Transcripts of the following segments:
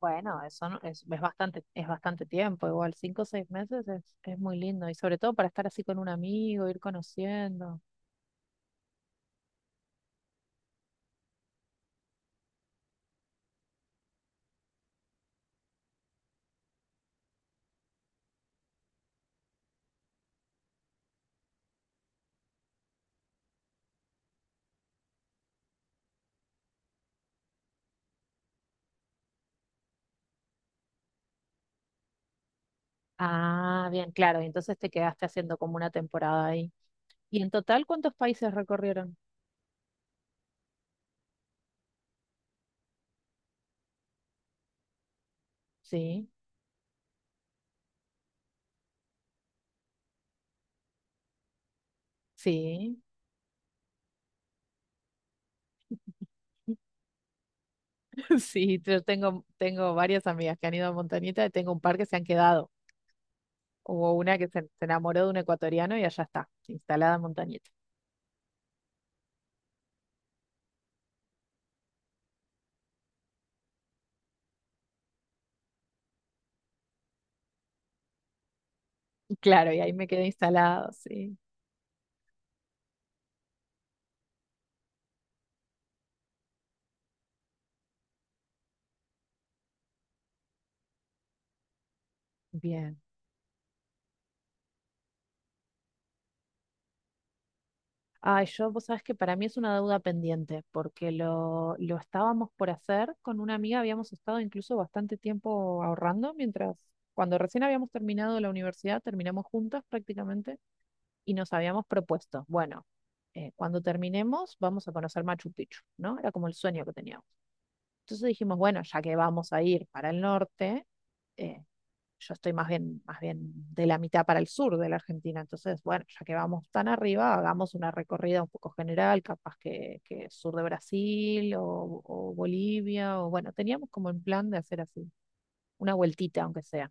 Bueno, eso no- es bastante tiempo, igual cinco o seis meses es muy lindo y sobre todo para estar así con un amigo, ir conociendo. Ah, bien, claro, y entonces te quedaste haciendo como una temporada ahí. ¿Y en total cuántos países recorrieron? Sí, sí, sí, yo tengo varias amigas que han ido a Montañita y tengo un par que se han quedado. Hubo una que se enamoró de un ecuatoriano y allá está, instalada en Montañita. Claro, y ahí me quedé instalado, sí. Bien. Ay, yo, vos sabés que para mí es una deuda pendiente, porque lo estábamos por hacer con una amiga, habíamos estado incluso bastante tiempo ahorrando mientras, cuando recién habíamos terminado la universidad, terminamos juntas prácticamente y nos habíamos propuesto, bueno, cuando terminemos vamos a conocer Machu Picchu, ¿no? Era como el sueño que teníamos. Entonces dijimos, bueno, ya que vamos a ir para el norte, eh, yo estoy más bien de la mitad para el sur de la Argentina, entonces, bueno, ya que vamos tan arriba, hagamos una recorrida un poco general, capaz que sur de Brasil o Bolivia, o bueno, teníamos como en plan de hacer así, una vueltita aunque sea.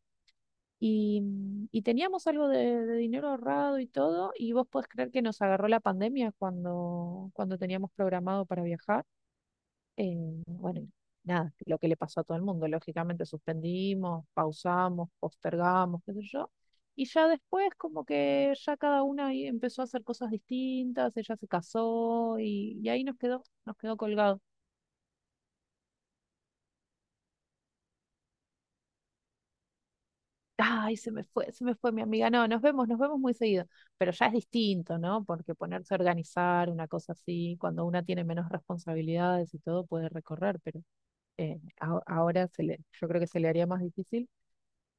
Y, y teníamos algo de dinero ahorrado y todo, y vos podés creer que nos agarró la pandemia cuando teníamos programado para viajar bueno, y nada, lo que le pasó a todo el mundo. Lógicamente suspendimos, pausamos, postergamos, qué sé yo. Y ya después, como que ya cada una ahí empezó a hacer cosas distintas, ella se casó y ahí nos quedó colgado. Ay, se me fue mi amiga. No, nos vemos muy seguido. Pero ya es distinto, ¿no? Porque ponerse a organizar una cosa así, cuando una tiene menos responsabilidades y todo, puede recorrer, pero ahora se le, yo creo que se le haría más difícil.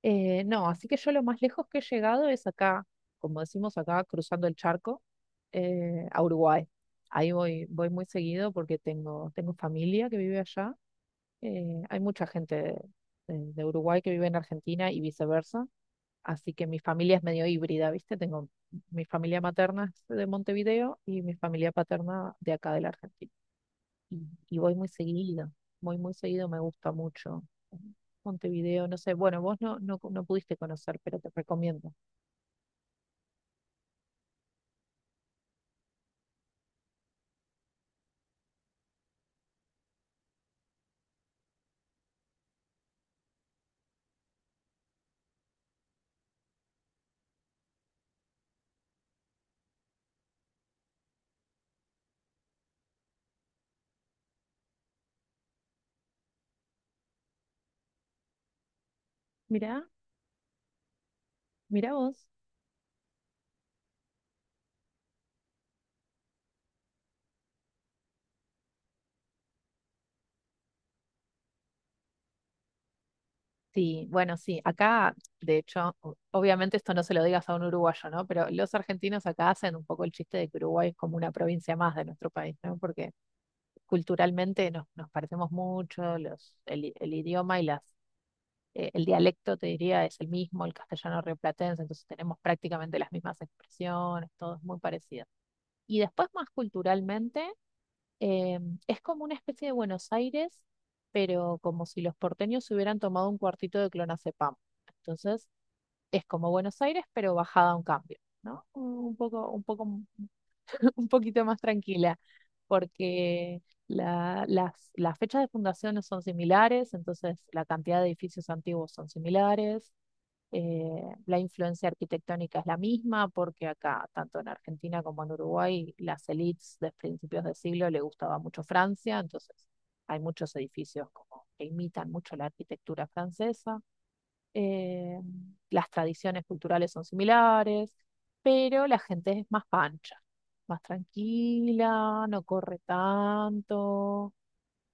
No, así que yo lo más lejos que he llegado es acá, como decimos acá, cruzando el charco, a Uruguay. Ahí voy, voy muy seguido porque tengo familia que vive allá. Hay mucha gente de Uruguay que vive en Argentina y viceversa. Así que mi familia es medio híbrida, ¿viste? Tengo mi familia materna es de Montevideo y mi familia paterna de acá de la Argentina y, y voy muy seguido, me gusta mucho. Montevideo, no sé, bueno, vos no pudiste conocer, pero te recomiendo. Mirá, mirá vos. Sí, bueno, sí, acá, de hecho, obviamente esto no se lo digas a un uruguayo, ¿no? Pero los argentinos acá hacen un poco el chiste de que Uruguay es como una provincia más de nuestro país, ¿no? Porque culturalmente nos parecemos mucho, el idioma y las el dialecto, te diría, es el mismo, el castellano rioplatense, entonces tenemos prácticamente las mismas expresiones, todo es muy parecido. Y después, más culturalmente, eh, es como una especie de Buenos Aires, pero como si los porteños se hubieran tomado un cuartito de clonazepam. Entonces, es como Buenos Aires, pero bajada a un cambio, ¿no? Un poco, un poquito más tranquila, porque las fechas de fundación no son similares, entonces la cantidad de edificios antiguos son similares, la influencia arquitectónica es la misma, porque acá, tanto en Argentina como en Uruguay, las élites de principios de siglo le gustaba mucho Francia, entonces hay muchos edificios como que imitan mucho la arquitectura francesa. Eh, las tradiciones culturales son similares, pero la gente es más pancha, más tranquila, no corre tanto,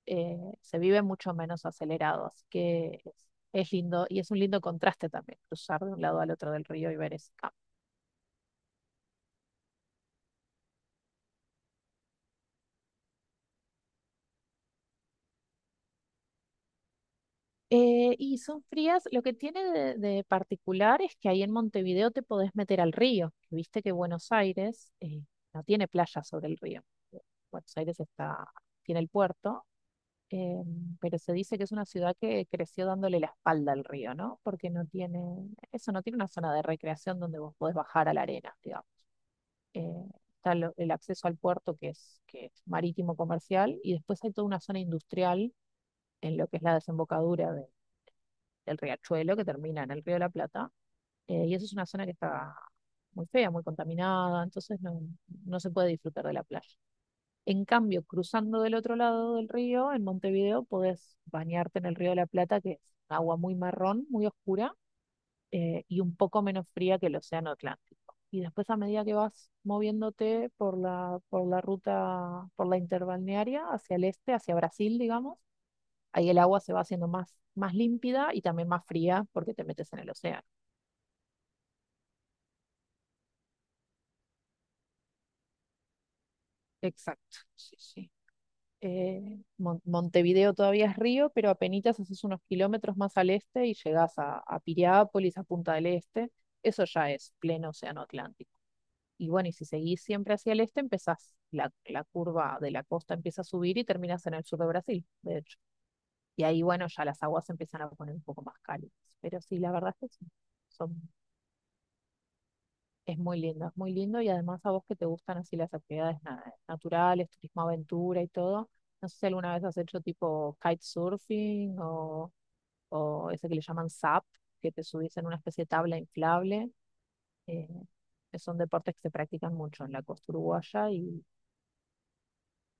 se vive mucho menos acelerado, así que es lindo y es un lindo contraste también cruzar de un lado al otro del río y ver ese campo. Y son frías, lo que tiene de particular es que ahí en Montevideo te podés meter al río, viste que Buenos Aires no tiene playa sobre el río, Buenos Aires está, tiene el puerto, eh, pero se dice que es una ciudad que creció dándole la espalda al río, ¿no? Porque no tiene, eso no tiene una zona de recreación donde vos podés bajar a la arena, digamos. eh, el acceso al puerto que es marítimo comercial y después hay toda una zona industrial en lo que es del riachuelo que termina en el Río de la Plata. Y esa es una zona que está muy fea, muy contaminada, entonces no, no se puede disfrutar de la playa. En cambio, cruzando del otro lado del río, en Montevideo, podés bañarte en el Río de la Plata, que es agua muy marrón, muy oscura, y un poco menos fría que el Océano Atlántico. Y después a medida que vas moviéndote por por la ruta, por la interbalnearia hacia el este, hacia Brasil, digamos, ahí el agua se va haciendo más, más límpida y también más fría porque te metes en el océano. Exacto, sí, sí. Montevideo todavía es río, pero apenitas haces unos kilómetros más al este y llegás a Piriápolis, a Punta del Este. Eso ya es pleno océano Atlántico. Y bueno, y si seguís siempre hacia el este, empezás, la curva de la costa empieza a subir y terminas en el sur de Brasil, de hecho. Y ahí, bueno, ya las aguas se empiezan a poner un poco más cálidas. Pero sí, la verdad es que sí, son, es muy lindo, es muy lindo. Y además a vos que te gustan así las actividades naturales, turismo aventura y todo. No sé si alguna vez has hecho tipo kitesurfing o ese que le llaman SUP, que te subís en una especie de tabla inflable. eh, Son deportes que se practican mucho en la costa uruguaya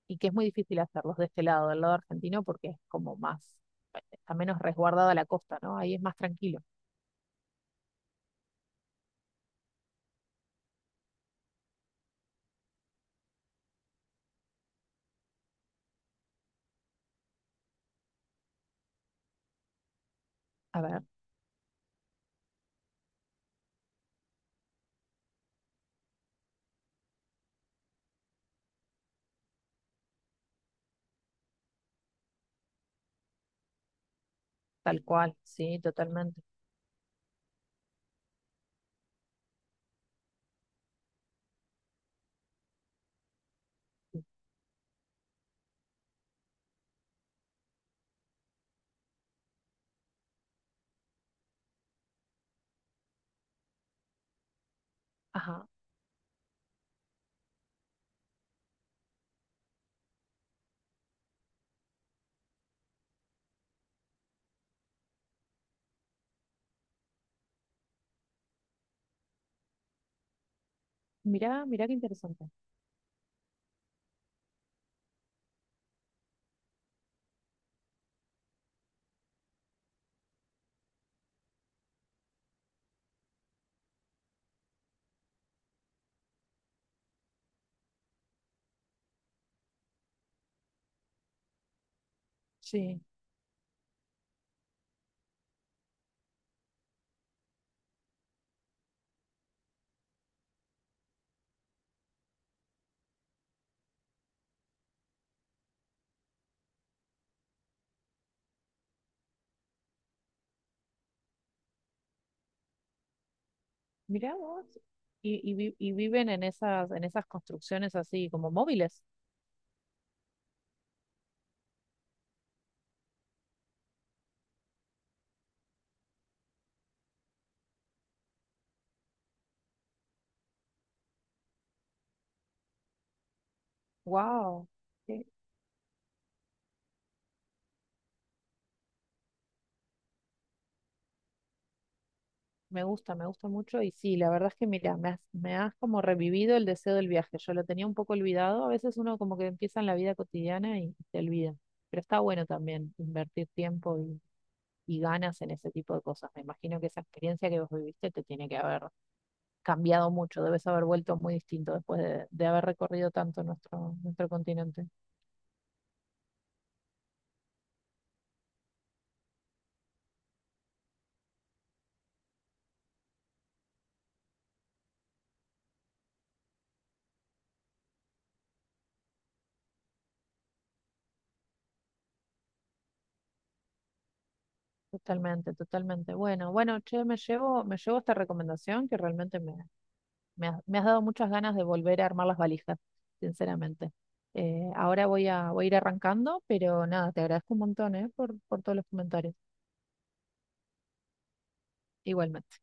y que es muy difícil hacerlos de este lado, del lado argentino, porque es como más, está menos resguardada la costa, ¿no? Ahí es más tranquilo. A ver, tal cual, sí, totalmente. Ajá, mirá, mirá qué interesante. Sí, mirá vos. Y viven en esas construcciones así como móviles. Wow. Me gusta mucho y sí, la verdad es que mira, me has como revivido el deseo del viaje. Yo lo tenía un poco olvidado. A veces uno como que empieza en la vida cotidiana y te olvida. Pero está bueno también invertir tiempo y ganas en ese tipo de cosas. Me imagino que esa experiencia que vos viviste te tiene que haber cambiado mucho. Debes haber vuelto muy distinto después de haber recorrido tanto nuestro, nuestro continente. Totalmente, totalmente. Bueno, bueno, che, me llevo esta recomendación que realmente me, me has, me has dado muchas ganas de volver a armar las valijas, sinceramente. Ahora voy a, voy a ir arrancando, pero nada, te agradezco un montón, por todos los comentarios. Igualmente.